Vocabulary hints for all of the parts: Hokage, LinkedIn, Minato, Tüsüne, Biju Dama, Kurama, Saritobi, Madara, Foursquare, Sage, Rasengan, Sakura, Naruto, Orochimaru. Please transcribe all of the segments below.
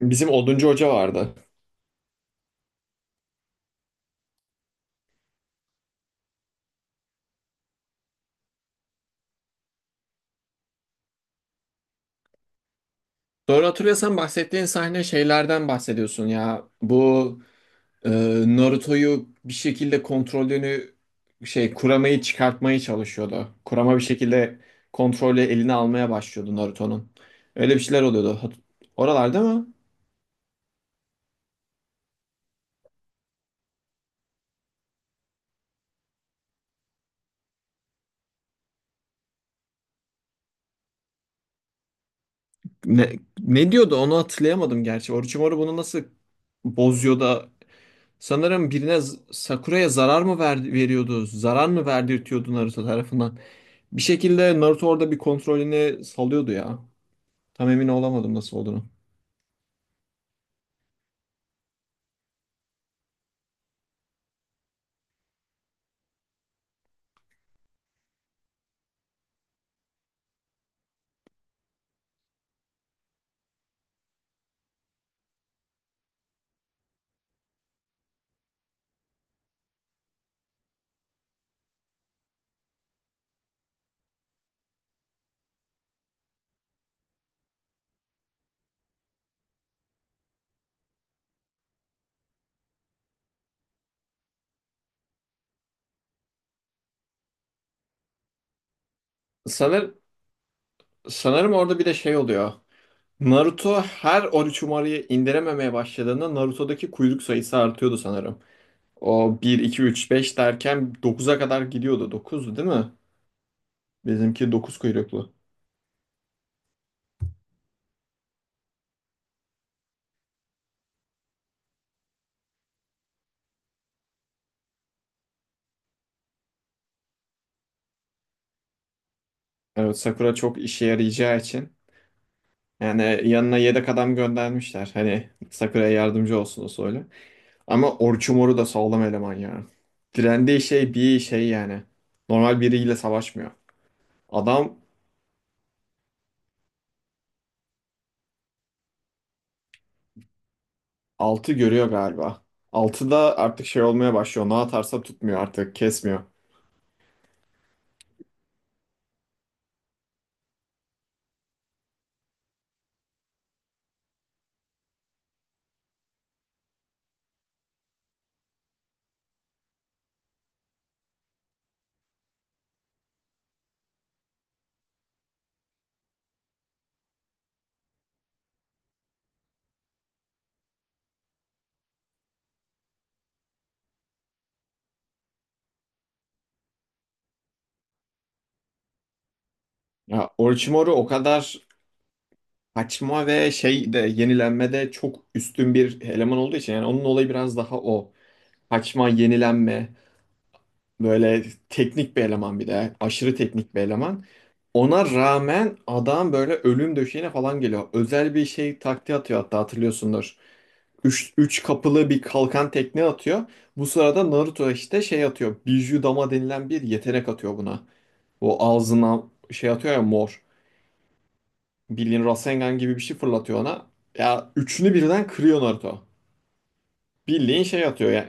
Bizim Oduncu Hoca vardı. Doğru hatırlıyorsan bahsettiğin sahne şeylerden bahsediyorsun ya. E, Naruto'yu bir şekilde kontrolünü şey Kurama'yı çıkartmaya çalışıyordu. Kurama bir şekilde kontrolü eline almaya başlıyordu Naruto'nun. Öyle bir şeyler oluyordu. Oralarda mı? Ne, ne diyordu onu hatırlayamadım gerçi. Orochimaru bunu nasıl bozuyor da sanırım Sakura'ya zarar mı verdi, veriyordu? Zarar mı verdirtiyordu Naruto tarafından? Bir şekilde Naruto orada bir kontrolünü salıyordu ya. Tam emin olamadım nasıl olduğunu. Sanır, sanırım orada bir de şey oluyor. Naruto her Orochimaru'yu indirememeye başladığında Naruto'daki kuyruk sayısı artıyordu sanırım. O bir 2 3 5 derken dokuza kadar gidiyordu. 9'du değil mi? Bizimki 9 kuyruklu. Evet, Sakura çok işe yarayacağı için. Yani yanına yedek adam göndermişler. Hani Sakura'ya yardımcı olsun o. Ama Orochimaru da sağlam eleman ya. Direndiği şey bir şey yani. Normal biriyle savaşmıyor. Adam 6 görüyor galiba. Altı da artık şey olmaya başlıyor. Ne atarsa tutmuyor artık, kesmiyor. Ya Orochimaru o kadar kaçma ve şey de yenilenmede çok üstün bir eleman olduğu için yani onun olayı biraz daha o. Kaçma, yenilenme, böyle teknik bir eleman bir de. Aşırı teknik bir eleman. Ona rağmen adam böyle ölüm döşeğine falan geliyor. Özel bir şey taktiği atıyor hatta hatırlıyorsundur. Üç kapılı bir kalkan tekne atıyor. Bu sırada Naruto işte şey atıyor. Biju Dama denilen bir yetenek atıyor buna. O ağzına şey atıyor ya mor. Bildiğin Rasengan gibi bir şey fırlatıyor ona. Ya üçünü birden kırıyor Naruto. Bildiğin şey atıyor ya.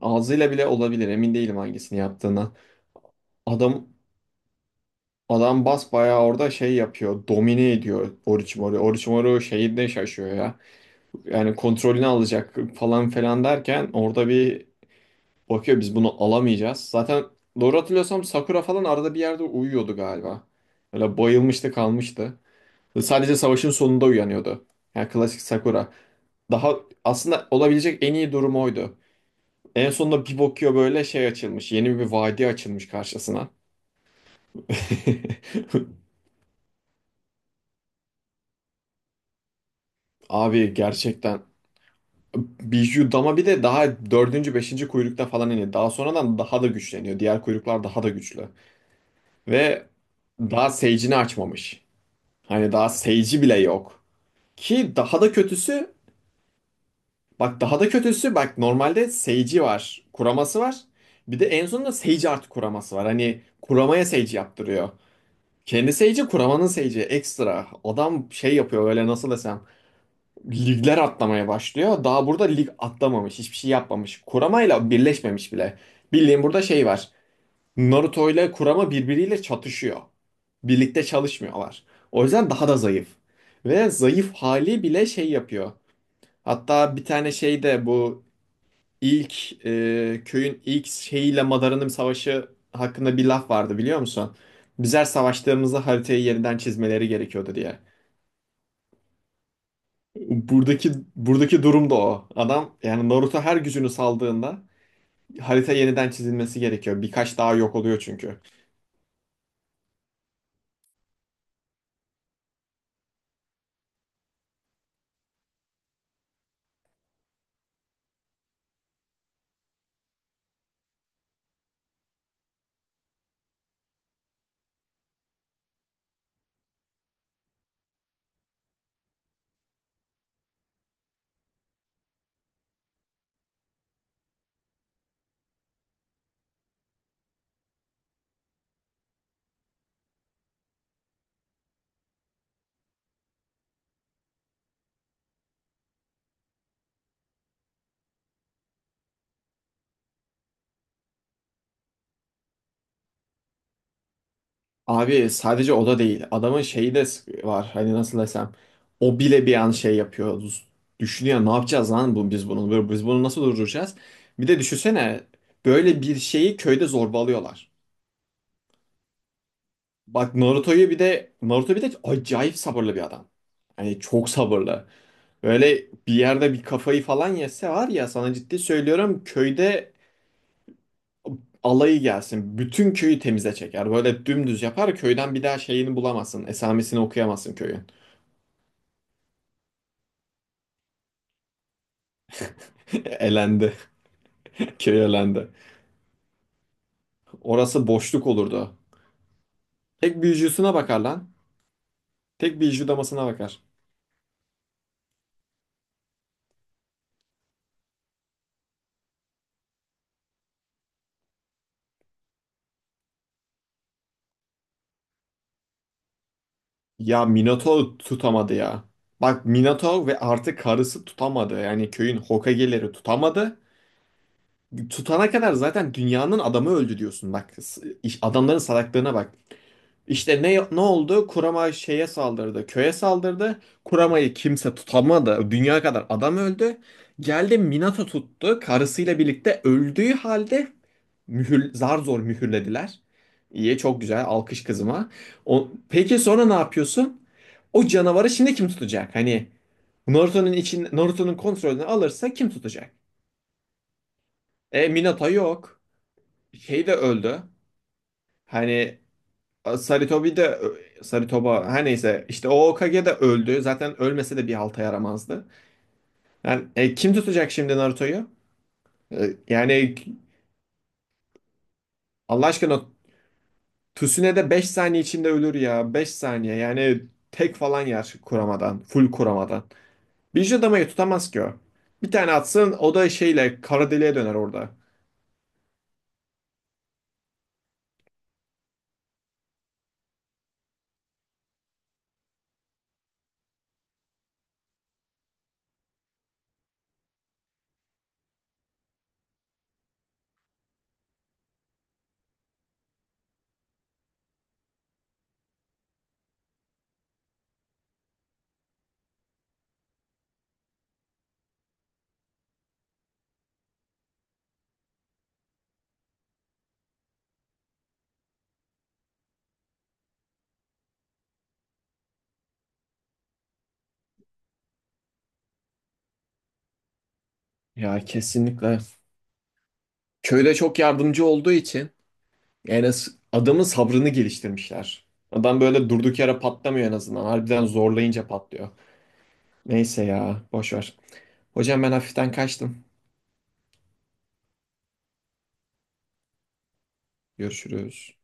Ağzıyla bile olabilir, emin değilim hangisini yaptığına. Adam Adam basbayağı orada şey yapıyor. Domine ediyor Orochimaru. Orochimaru şeyinde şaşıyor ya. Yani kontrolünü alacak falan falan derken orada bir bakıyor biz bunu alamayacağız. Zaten doğru hatırlıyorsam Sakura falan arada bir yerde uyuyordu galiba. Öyle bayılmıştı kalmıştı. Sadece savaşın sonunda uyanıyordu. Yani klasik Sakura. Daha aslında olabilecek en iyi durum oydu. En sonunda bir bakıyor böyle şey açılmış. Yeni bir vadi açılmış karşısına. Abi gerçekten Biju Dama bir de daha beşinci kuyrukta falan iniyor. Daha sonradan daha da güçleniyor. Diğer kuyruklar daha da güçlü. Ve daha Sage'ini açmamış. Hani daha Sage'i bile yok. Ki daha da kötüsü, bak daha da kötüsü, bak normalde Sage'i var, kuraması var. Bir de en sonunda Sage artı kuraması var. Hani kuramaya Sage yaptırıyor. Kendi Sage'i kuramanın Sage'i ekstra. Adam şey yapıyor öyle nasıl desem. Ligler atlamaya başlıyor. Daha burada lig atlamamış, hiçbir şey yapmamış. Kurama ile birleşmemiş bile. Bildiğin burada şey var. Naruto ile Kurama birbiriyle çatışıyor. Birlikte çalışmıyorlar. O yüzden daha da zayıf. Ve zayıf hali bile şey yapıyor. Hatta bir tane şeyde bu köyün ilk şeyiyle Madara'nın savaşı hakkında bir laf vardı biliyor musun? Bizler savaştığımızda haritayı yeniden çizmeleri gerekiyordu diye. Buradaki durum da o. Adam yani Naruto her gücünü saldığında harita yeniden çizilmesi gerekiyor. Birkaç daha yok oluyor çünkü. Abi sadece o da değil. Adamın şeyi de var. Hani nasıl desem. O bile bir an şey yapıyor. Düşünüyor ne yapacağız lan bu, biz bunu. Biz bunu nasıl durduracağız? Bir de düşünsene. Böyle bir şeyi köyde zorbalıyorlar. Bak Naruto'yu bir de Naruto bir de acayip sabırlı bir adam. Hani çok sabırlı. Böyle bir yerde bir kafayı falan yese var ya sana ciddi söylüyorum köyde alayı gelsin. Bütün köyü temize çeker. Böyle dümdüz yapar köyden bir daha şeyini bulamazsın. Esamesini okuyamazsın köyün. Elendi. Köy elendi. Orası boşluk olurdu. Tek büyücüsüne bakar lan. Tek büyücü damasına bakar. Ya Minotaur tutamadı ya. Bak Minotaur ve artık karısı tutamadı. Yani köyün Hokage'leri tutamadı. Tutana kadar zaten dünyanın adamı öldü diyorsun. Bak adamların salaklığına bak. İşte ne oldu? Kurama köye saldırdı. Kurama'yı kimse tutamadı. Dünya kadar adam öldü. Geldi Minato tuttu. Karısıyla birlikte öldüğü halde zar zor mühürlediler. İyi, çok güzel. Alkış kızıma. O, peki sonra ne yapıyorsun? O canavarı şimdi kim tutacak? Hani Naruto'nun kontrolünü alırsa kim tutacak? E Minato yok. Şey de öldü. Hani e, Saritobi de Saritoba her neyse işte o Hokage de öldü. Zaten ölmese de bir halta yaramazdı. Yani kim tutacak şimdi Naruto'yu? E, yani Allah aşkına Tüsüne de 5 saniye içinde ölür ya. Beş saniye yani tek falan yer kuramadan. Full kuramadan. Bir adamayı tutamaz ki o. Bir tane atsın o da şeyle kara deliğe döner orada. Ya kesinlikle. Köyde çok yardımcı olduğu için yani adamın sabrını geliştirmişler. Adam böyle durduk yere patlamıyor en azından. Harbiden zorlayınca patlıyor. Neyse ya boş ver. Hocam ben hafiften kaçtım. Görüşürüz.